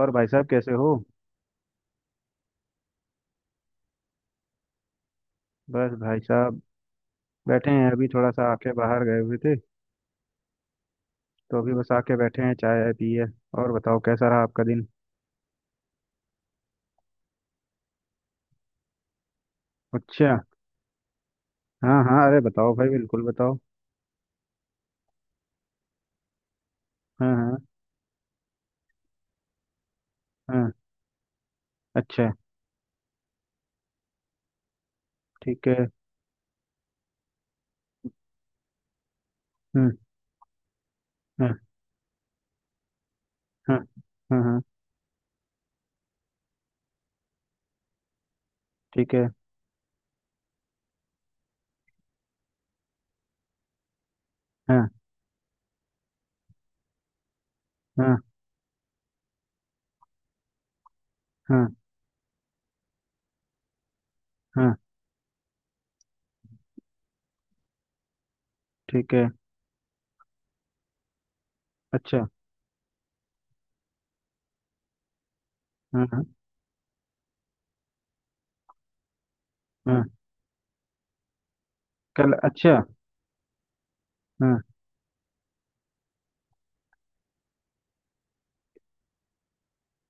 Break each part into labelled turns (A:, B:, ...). A: और भाई साहब कैसे हो? बस भाई साहब बैठे हैं, अभी थोड़ा सा आके बाहर गए हुए थे। तो अभी बस आके बैठे हैं, चाय वाय पी है। और बताओ, कैसा रहा आपका दिन? अच्छा। हाँ हाँ, अरे बताओ भाई, बिल्कुल बताओ। हाँ हाँ। हाँ। अच्छा। ठीक है। हम्म। हाँ। हाँ। हाँ हाँ। ठीक है। हाँ हाँ। हाँ हाँ। ठीक है। अच्छा। हाँ हाँ। हाँ कल, अच्छा। हाँ।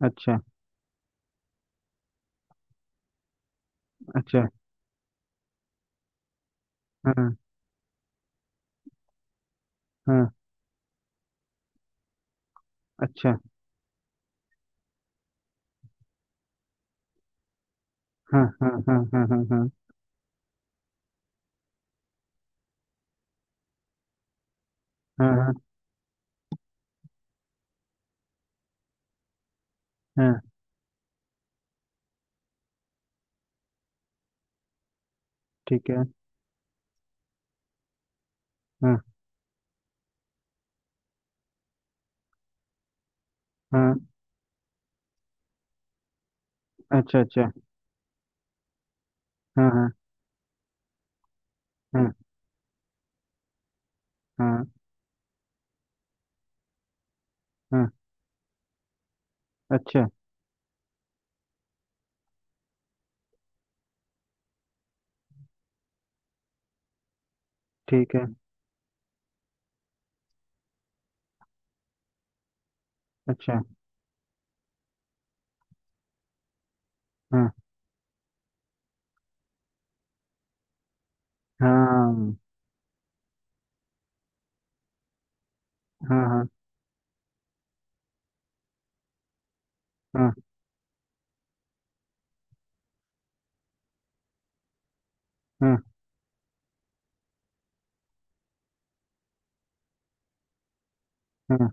A: अच्छा। अच्छा। हाँ हाँ। अच्छा। हाँ हाँ हाँ हाँ हाँ हाँ। हाँ हाँ। हाँ, ठीक है। हाँ हाँ। अच्छा अच्छा। हाँ हाँ। हाँ। हाँ हाँ। अच्छा। ठीक है। अच्छा। हाँ हाँ। हाँ हाँ। हाँ हाँ। हाँ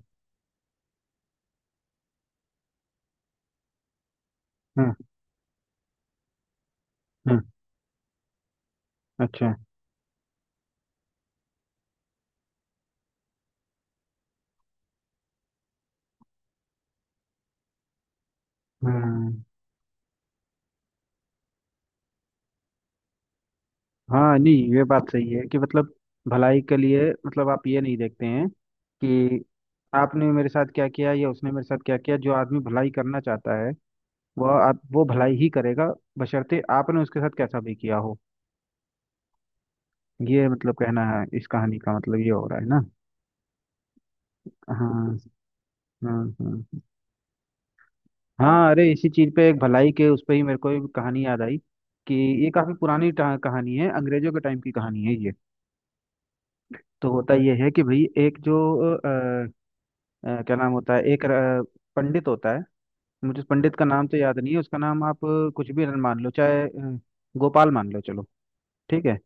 A: हाँ। हाँ, अच्छा। हाँ हाँ, नहीं ये बात सही है कि मतलब भलाई के लिए, मतलब आप ये नहीं देखते हैं कि आपने मेरे साथ क्या किया या उसने मेरे साथ क्या किया। जो आदमी भलाई करना चाहता है वह आप वो भलाई ही करेगा, बशर्ते आपने उसके साथ कैसा भी किया हो। ये मतलब कहना है, इस कहानी का मतलब ये हो रहा है ना। हाँ हाँ। हाँ हाँ। हाँ अरे, इसी चीज पे एक भलाई के उस पे ही मेरे को एक कहानी याद आई कि ये काफी पुरानी कहानी है, अंग्रेजों के टाइम की कहानी है ये। तो होता ये है कि भाई एक जो अ, क्या नाम होता है, एक पंडित होता है। मुझे उस पंडित का नाम तो याद नहीं है, उसका नाम आप कुछ भी मान लो, चाहे गोपाल मान लो चलो। ठीक है।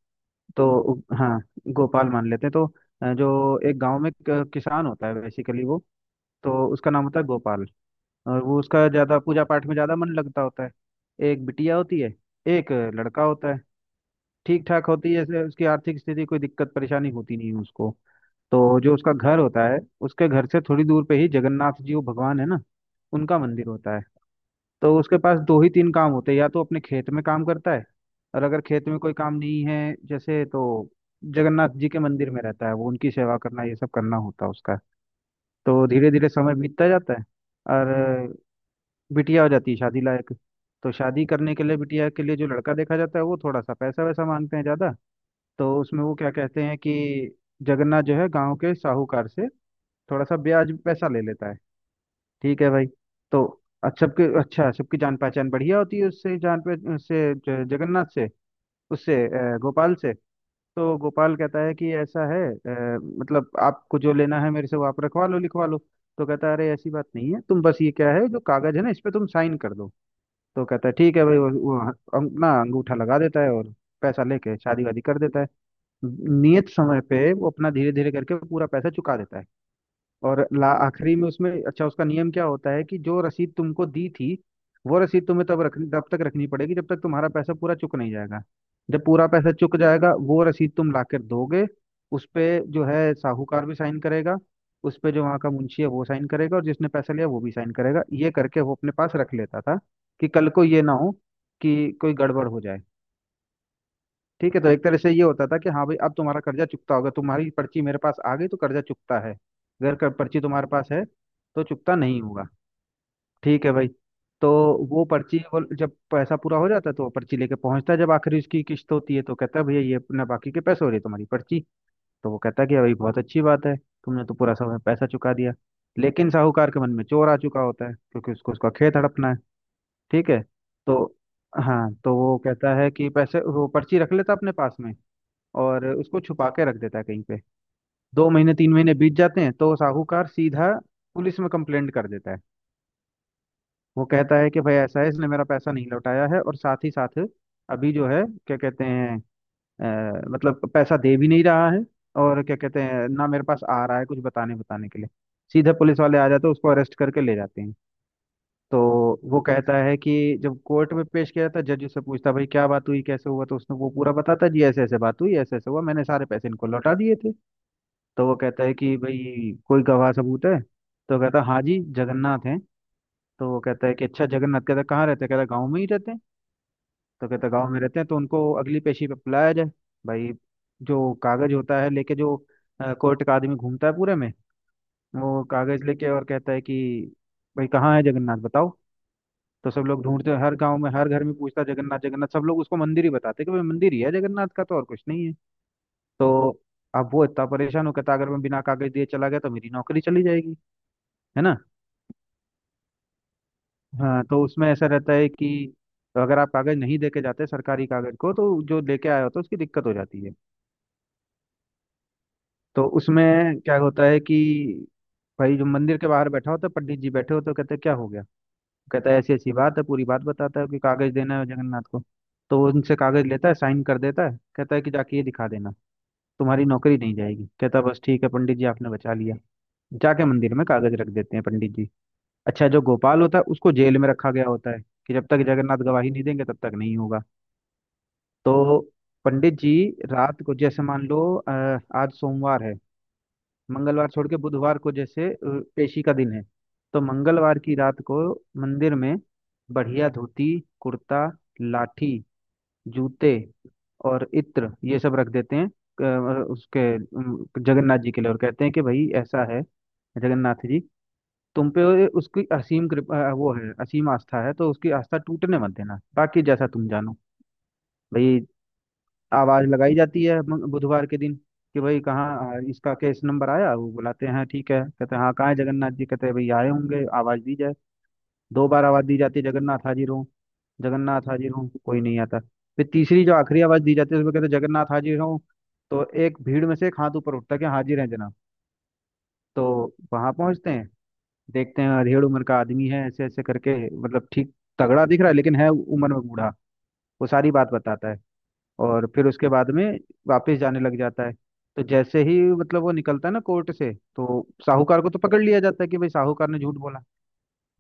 A: तो हाँ गोपाल मान लेते हैं। तो जो एक गांव में एक, किसान होता है बेसिकली वो। तो उसका नाम होता है गोपाल। और वो उसका ज्यादा पूजा पाठ में ज्यादा मन लगता होता है। एक बिटिया होती है, एक लड़का होता है। ठीक ठाक होती है जैसे उसकी आर्थिक स्थिति, कोई दिक्कत परेशानी होती नहीं है उसको। तो जो उसका घर होता है, उसके घर से थोड़ी दूर पे ही जगन्नाथ जी, वो भगवान है ना, उनका मंदिर होता है। तो उसके पास दो ही तीन काम होते हैं, या तो अपने खेत में काम करता है, और अगर खेत में कोई काम नहीं है जैसे तो जगन्नाथ जी के मंदिर में रहता है, वो उनकी सेवा करना ये सब करना होता है उसका। तो धीरे धीरे समय बीतता जाता है, और बिटिया हो जाती है शादी लायक। तो शादी करने के लिए बिटिया के लिए जो लड़का देखा जाता है वो थोड़ा सा पैसा वैसा मांगते हैं ज्यादा। तो उसमें वो क्या कहते हैं कि जगन्नाथ जो है गांव के साहूकार से थोड़ा सा ब्याज पैसा ले लेता है। ठीक है भाई। तो अच्छा सबकी जान पहचान बढ़िया होती है उससे, जान पे उससे ज- जगन्नाथ से, गोपाल से। तो गोपाल कहता है कि ऐसा है, मतलब आपको जो लेना है मेरे से वो आप रखवा लो लिखवा लो। तो कहता है अरे ऐसी बात नहीं है, तुम बस ये क्या है जो कागज है ना, इस पे तुम साइन कर दो। तो कहता है ठीक है भाई। वो अंगूठा लगा देता है और पैसा लेके शादी वादी कर देता है। नियत समय पे वो अपना धीरे धीरे करके पूरा पैसा चुका देता है। और ला आखिरी में उसमें अच्छा, उसका नियम क्या होता है कि जो रसीद तुमको दी थी, वो रसीद तुम्हें तब तक रखनी पड़ेगी जब तक तुम्हारा पैसा पूरा चुक नहीं जाएगा। जब पूरा पैसा चुक जाएगा, वो रसीद तुम लाकर दोगे। उस पे जो है साहूकार भी साइन करेगा। उस पे जो वहाँ का मुंशी है वो साइन करेगा, और जिसने पैसा लिया वो भी साइन करेगा, ये करके वो अपने पास रख लेता था। कि कल को ये ना हो कि कोई गड़बड़ हो जाए। ठीक है। तो एक तरह से ये होता था कि हाँ भाई, अब तुम्हारा कर्जा चुकता होगा, तुम्हारी पर्ची मेरे पास आ गई तो कर्जा चुकता है, अगर पर्ची तुम्हारे पास है तो चुकता नहीं होगा। ठीक है भाई। तो वो पर्ची, वो जब पैसा पूरा हो जाता है तो वो पर्ची लेके पहुंचता है, जब आखिरी उसकी किस्त होती है तो कहता है भैया ये अपना बाकी के पैसे हो रही है तुम्हारी पर्ची। तो वो कहता है कि हाँ भाई, बहुत अच्छी बात है, तुमने तो पूरा समय पैसा चुका दिया। लेकिन साहूकार के मन में चोर आ चुका होता है, क्योंकि उसको उसका खेत हड़पना है। ठीक है। तो हाँ, तो वो कहता है कि पैसे, वो पर्ची रख लेता अपने पास में, और उसको छुपा के रख देता है कहीं पे। 2 महीने 3 महीने बीत जाते हैं तो साहूकार सीधा पुलिस में कंप्लेंट कर देता है। वो कहता है कि भाई ऐसा है, इसने मेरा पैसा नहीं लौटाया है, और साथ ही साथ अभी जो है क्या कहते हैं, मतलब पैसा दे भी नहीं रहा है, और क्या कहते हैं ना मेरे पास आ रहा है कुछ बताने बताने के लिए। सीधे पुलिस वाले आ जाते हैं, उसको अरेस्ट करके ले जाते हैं। तो वो कहता है कि जब कोर्ट में पेश किया जाता है, जज उससे पूछता है, भाई क्या बात हुई, कैसे हुआ। तो उसने वो पूरा बताता है, जी ऐसे ऐसे बात हुई, ऐसे ऐसे हुआ, मैंने सारे पैसे इनको लौटा दिए थे। तो वो कहता है कि भाई कोई गवाह सबूत है। तो कहता है हाँ जी, जगन्नाथ हैं। तो वो कहता है कि अच्छा जगन्नाथ, कहता है कहाँ रहते हैं, कहता है गाँव में ही रहते हैं। तो कहता है गाँव में रहते हैं तो उनको अगली पेशी पे बुलाया जाए। भाई जो कागज होता है लेके जो कोर्ट का आदमी घूमता है पूरे में, वो कागज लेके, और कहता है कि भाई कहाँ है जगन्नाथ, बताओ। तो सब लोग ढूंढते हैं, हर गांव में हर घर में पूछता है जगन्नाथ जगन्नाथ, सब लोग उसको मंदिर ही बताते हैं कि भाई मंदिर ही है जगन्नाथ का, तो और कुछ नहीं है। तो अब वो इतना परेशान हो, कहता अगर मैं बिना कागज दिए चला गया तो मेरी नौकरी चली जाएगी। है ना। हाँ तो उसमें ऐसा रहता है कि तो अगर आप कागज नहीं देके जाते सरकारी कागज को, तो जो लेके आया होता है उसकी दिक्कत हो जाती है। तो उसमें क्या होता है कि भाई जो मंदिर के बाहर बैठा होता है, पंडित जी बैठे होते हैं, कहते हैं क्या हो गया। कहता है ऐसी ऐसी बात है, पूरी बात बताता है कि कागज देना है जगन्नाथ को। तो वो उनसे कागज लेता है, साइन कर देता है, कहता है कि जाके ये दिखा देना, तुम्हारी नौकरी नहीं जाएगी। कहता है, बस ठीक है पंडित जी, आपने बचा लिया। जाके मंदिर में कागज रख देते हैं पंडित जी। अच्छा जो गोपाल होता है उसको जेल में रखा गया होता है, कि जब तक जगन्नाथ गवाही नहीं देंगे तब तक नहीं होगा। तो पंडित जी रात को, जैसे मान लो आज सोमवार है। मंगलवार छोड़ के बुधवार को जैसे पेशी का दिन है। तो मंगलवार की रात को मंदिर में बढ़िया धोती, कुर्ता, लाठी, जूते, और इत्र ये सब रख देते हैं जगन्नाथ जी के लिए, और कहते हैं कि भाई ऐसा है जगन्नाथ जी, तुम पे उसकी असीम कृपा, वो है असीम आस्था है, तो उसकी आस्था टूटने मत देना, बाकी जैसा तुम जानो। भाई आवाज लगाई जाती है बुधवार के दिन, कि भाई कहाँ, इसका केस नंबर आया वो बुलाते हैं। ठीक है, कहते हैं हाँ कहाँ है जगन्नाथ जी, कहते हैं भाई आए होंगे, आवाज दी जाए। दो बार आवाज दी जाती है, जगन्नाथ हाजिर हो, जगन्नाथ हाजिर हो, कोई नहीं आता। फिर तीसरी जो आखिरी आवाज दी जाती है उसमें कहते हैं जगन्नाथ हाजिर हो। तो एक भीड़ में से एक हाथ ऊपर उठता है कि हाजिर है जनाब। तो वहां पहुंचते हैं, देखते हैं अधेड़ उम्र का आदमी है, ऐसे ऐसे करके मतलब ठीक तगड़ा दिख रहा है, लेकिन है उम्र में बूढ़ा। वो सारी बात बताता है और फिर उसके बाद में वापस जाने लग जाता है। तो जैसे ही मतलब वो निकलता है ना कोर्ट से, तो साहूकार को तो पकड़ लिया जाता है कि भाई साहूकार ने झूठ बोला।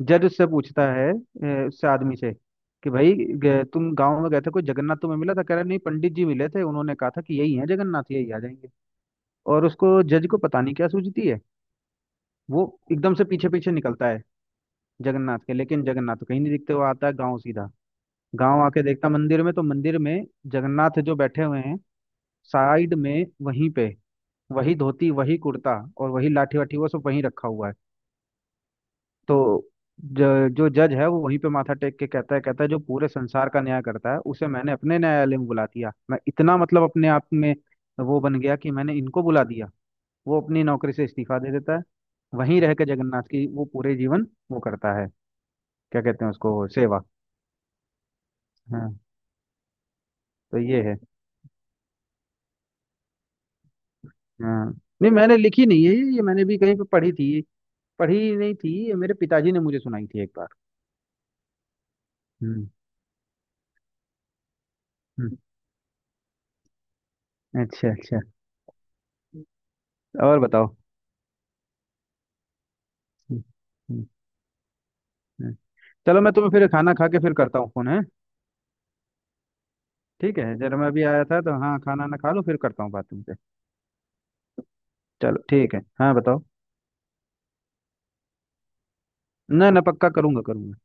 A: जज उससे पूछता है, उससे आदमी से कि भाई तुम गांव में गए थे, कोई जगन्नाथ तुम्हें मिला था। कह रहा नहीं, पंडित जी मिले थे, उन्होंने कहा था कि यही है जगन्नाथ, यही आ जाएंगे। और उसको जज को पता नहीं क्या सूझती है, वो एकदम से पीछे पीछे निकलता है जगन्नाथ के, लेकिन जगन्नाथ तो कहीं नहीं दिखते। वो आता है गाँव सीधा, गाँव आके देखता मंदिर में, तो मंदिर में जगन्नाथ जो बैठे हुए हैं साइड में वहीं पे, वही धोती, वही कुर्ता, और वही लाठी वाठी वो सब वहीं रखा हुआ है। तो जो जज है वो वहीं पे माथा टेक के कहता है, कहता है जो पूरे संसार का न्याय करता है उसे मैंने अपने न्यायालय में बुला दिया, मैं इतना मतलब अपने आप में वो बन गया कि मैंने इनको बुला दिया। वो अपनी नौकरी से इस्तीफा दे देता है, वहीं रह के जगन्नाथ की वो पूरे जीवन वो करता है, क्या कहते हैं उसको, सेवा। हाँ। तो ये है। हाँ नहीं मैंने लिखी नहीं है ये मैंने भी कहीं पे पढ़ी थी, पढ़ी नहीं थी, ये मेरे पिताजी ने मुझे सुनाई थी एक बार। हम्म। हम्म, अच्छा अच्छा। और बताओ। हम्म, हम्म, हम्म। चलो मैं तुम्हें फिर खाना खा के फिर करता हूँ, फोन है। ठीक है, जरा मैं अभी आया था तो, हाँ खाना ना खा लो फिर करता हूँ बात तुमसे। चलो ठीक है, हाँ बताओ। ना ना, पक्का करूंगा करूंगा।